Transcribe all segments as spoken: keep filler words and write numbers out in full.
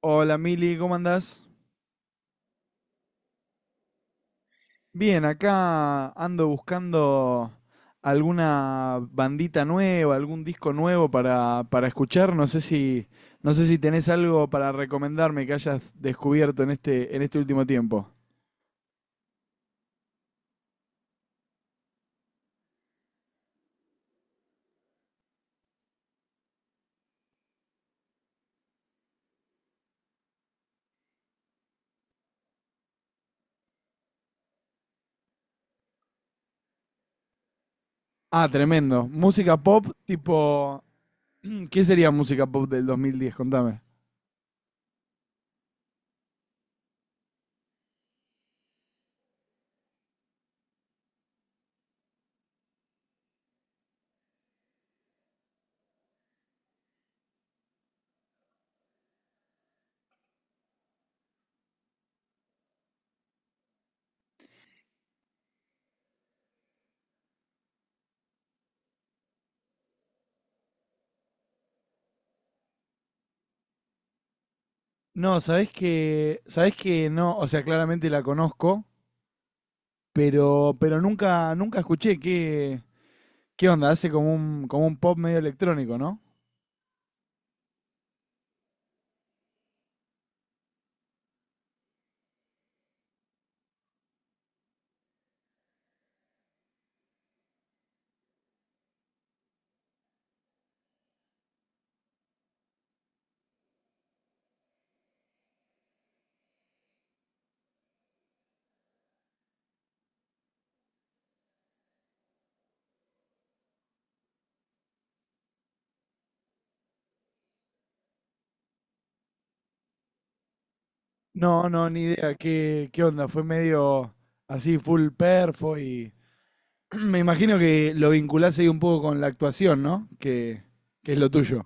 Hola Mili, ¿cómo andás? Bien, acá ando buscando alguna bandita nueva, algún disco nuevo para, para escuchar. No sé si, no sé si tenés algo para recomendarme que hayas descubierto en este, en este último tiempo. Ah, tremendo. Música pop, tipo, ¿qué sería música pop del dos mil diez? Contame. No, sabés que, sabés que no, o sea, claramente la conozco, pero, pero nunca, nunca escuché qué, ¿qué onda? Hace como un, como un pop medio electrónico, ¿no? No, no, ni idea. ¿Qué, qué onda? Fue medio así, full perfo y... Me imagino que lo vinculás ahí un poco con la actuación, ¿no? Que, que es lo tuyo.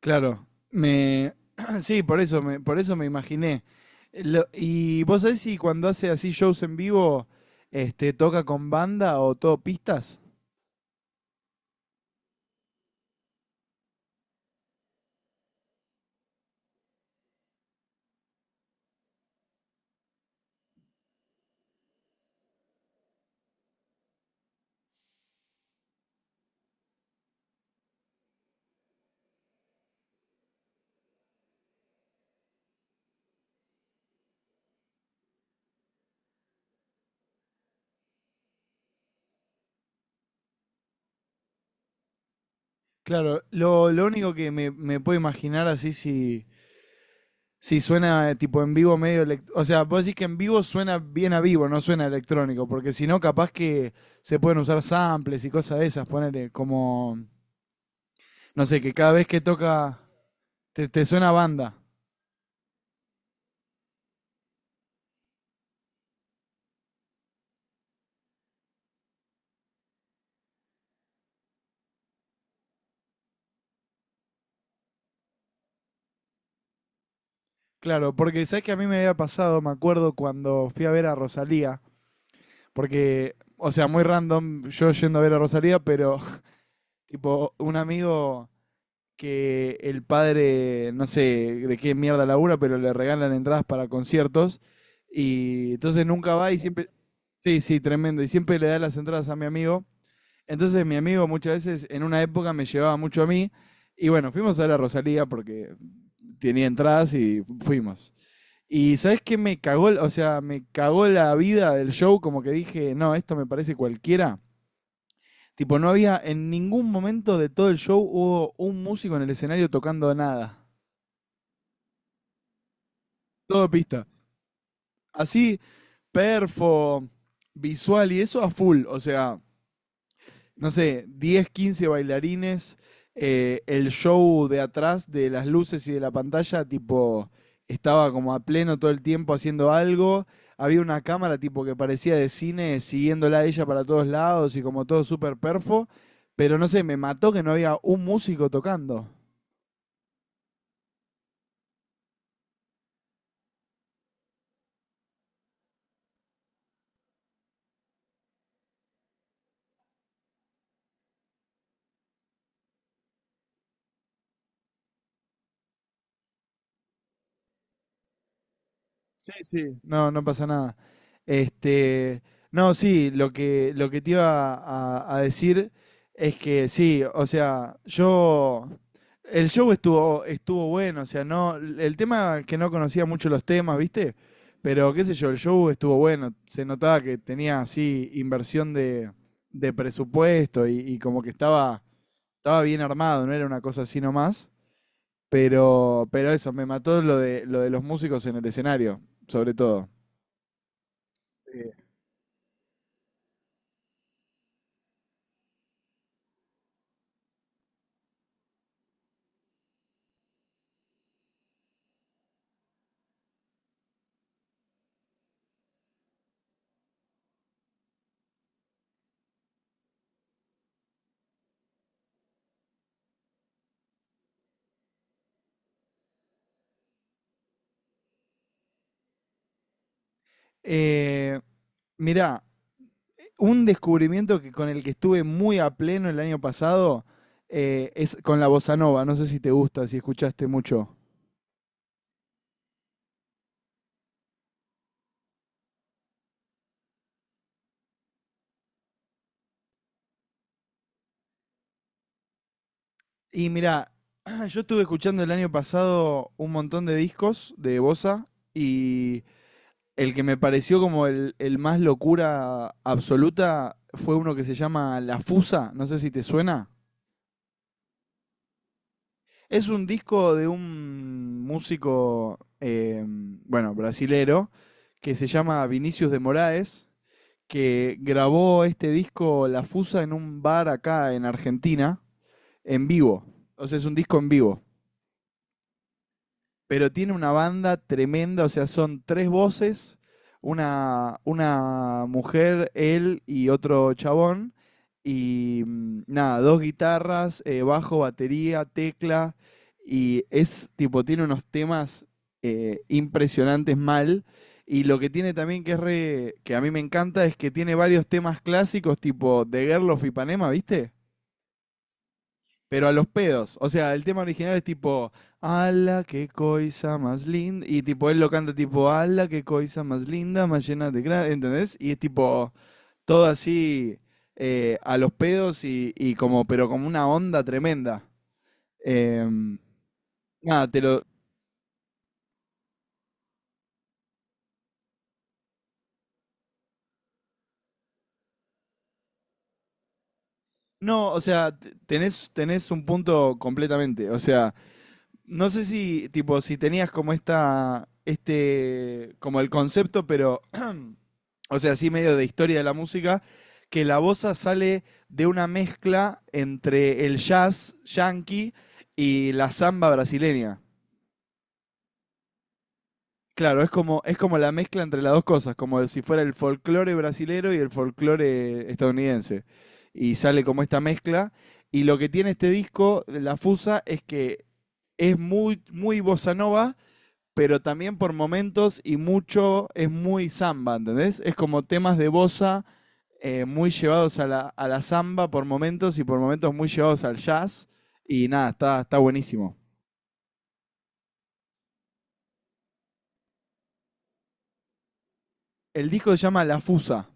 Claro. Me... Sí, por eso me, por eso me imaginé. Lo- ¿Y vos sabés si cuando hace así shows en vivo, este, toca con banda o todo pistas? Claro, lo, lo único que me, me puedo imaginar así si, sí, suena eh, tipo en vivo medio... elec- O sea, vos decís que en vivo suena bien a vivo, no suena electrónico, porque si no, capaz que se pueden usar samples y cosas de esas, ponele como... No sé, que cada vez que toca te, te suena a banda. Claro, porque sabes que a mí me había pasado, me acuerdo cuando fui a ver a Rosalía, porque, o sea, muy random yo yendo a ver a Rosalía, pero tipo un amigo que el padre, no sé de qué mierda labura, pero le regalan entradas para conciertos. Y entonces nunca va y siempre. Sí, sí, tremendo. Y siempre le da las entradas a mi amigo. Entonces mi amigo muchas veces en una época me llevaba mucho a mí. Y bueno, fuimos a la Rosalía porque tenía entradas y fuimos. Y ¿sabes qué me cagó? O sea, me cagó la vida del show, como que dije, no, esto me parece cualquiera. Tipo, no había en ningún momento de todo el show hubo un músico en el escenario tocando nada. Todo pista. Así, perfo, visual y eso a full. O sea, no sé, diez, quince bailarines, eh, el show de atrás de las luces y de la pantalla, tipo, estaba como a pleno todo el tiempo haciendo algo. Había una cámara tipo que parecía de cine siguiéndola a ella para todos lados y como todo súper perfo. Pero no sé, me mató que no había un músico tocando. Sí, sí, no, no pasa nada. Este, no, sí, lo que, lo que te iba a, a decir es que sí, o sea, yo, el show estuvo, estuvo bueno, o sea, no, el tema que no conocía mucho los temas, ¿viste? Pero qué sé yo, el show estuvo bueno, se notaba que tenía así inversión de, de presupuesto y, y como que estaba, estaba bien armado, no era una cosa así nomás. Pero, pero eso, me mató lo de, lo de los músicos en el escenario, sobre todo. Sí. Eh, mirá, un descubrimiento que, con el que estuve muy a pleno el año pasado eh, es con la bossa nova. No sé si te gusta, si escuchaste mucho. Y mirá, yo estuve escuchando el año pasado un montón de discos de bossa y el que me pareció como el, el más locura absoluta fue uno que se llama La Fusa. No sé si te suena. Es un disco de un músico, eh, bueno, brasilero, que se llama Vinicius de Moraes, que grabó este disco La Fusa en un bar acá en Argentina, en vivo. O sea, es un disco en vivo pero tiene una banda tremenda, o sea, son tres voces, una, una mujer, él y otro chabón, y mm, nada, dos guitarras, eh, bajo, batería, tecla, y es tipo, tiene unos temas eh, impresionantes mal. Y lo que tiene también que es re- que a mí me encanta es que tiene varios temas clásicos tipo The Girl of Ipanema, ¿viste? Pero a los pedos. O sea, el tema original es tipo, ala, qué coisa más linda. Y tipo, él lo canta tipo, ala, qué coisa más linda, más llena de gracia. ¿Entendés? Y es tipo, todo así eh, a los pedos y, y como, pero como una onda tremenda. Em, nada, te lo. No, o sea, t- tenés, tenés un punto completamente. O sea, no sé si, tipo, si tenías como esta, este, como el concepto, pero, o sea, así medio de historia de la música, que la bossa sale de una mezcla entre el jazz yankee y la samba brasileña. Claro, es como, es como la mezcla entre las dos cosas, como si fuera el folclore brasilero y el folclore estadounidense. Y sale como esta mezcla. Y lo que tiene este disco, La Fusa, es que es muy, muy bossa nova, pero también por momentos y mucho es muy samba, ¿entendés? Es como temas de bossa eh, muy llevados a la, a la samba por momentos y por momentos muy llevados al jazz. Y nada, está, está buenísimo. El disco se llama La Fusa.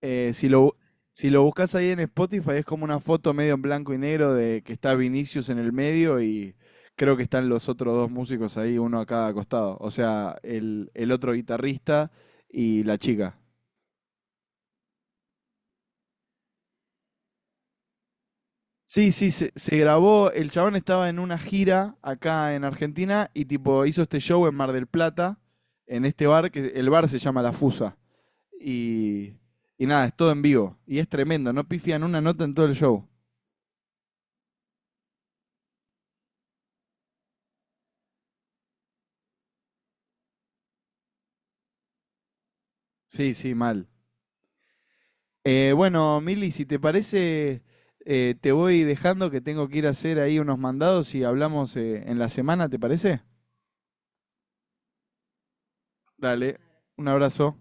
Eh, si, lo, si lo buscas ahí en Spotify es como una foto medio en blanco y negro de que está Vinicius en el medio y creo que están los otros dos músicos ahí, uno a cada costado. O sea, el, el otro guitarrista y la chica. Sí, sí, se, se grabó. El chabón estaba en una gira acá en Argentina y tipo hizo este show en Mar del Plata, en este bar, que el bar se llama La Fusa. Y, y nada, es todo en vivo. Y es tremendo, no pifian una nota en todo el show. Sí, sí, mal. Eh, bueno, Mili, si te parece, eh, te voy dejando que tengo que ir a hacer ahí unos mandados y hablamos eh, en la semana, ¿te parece? Dale, un abrazo.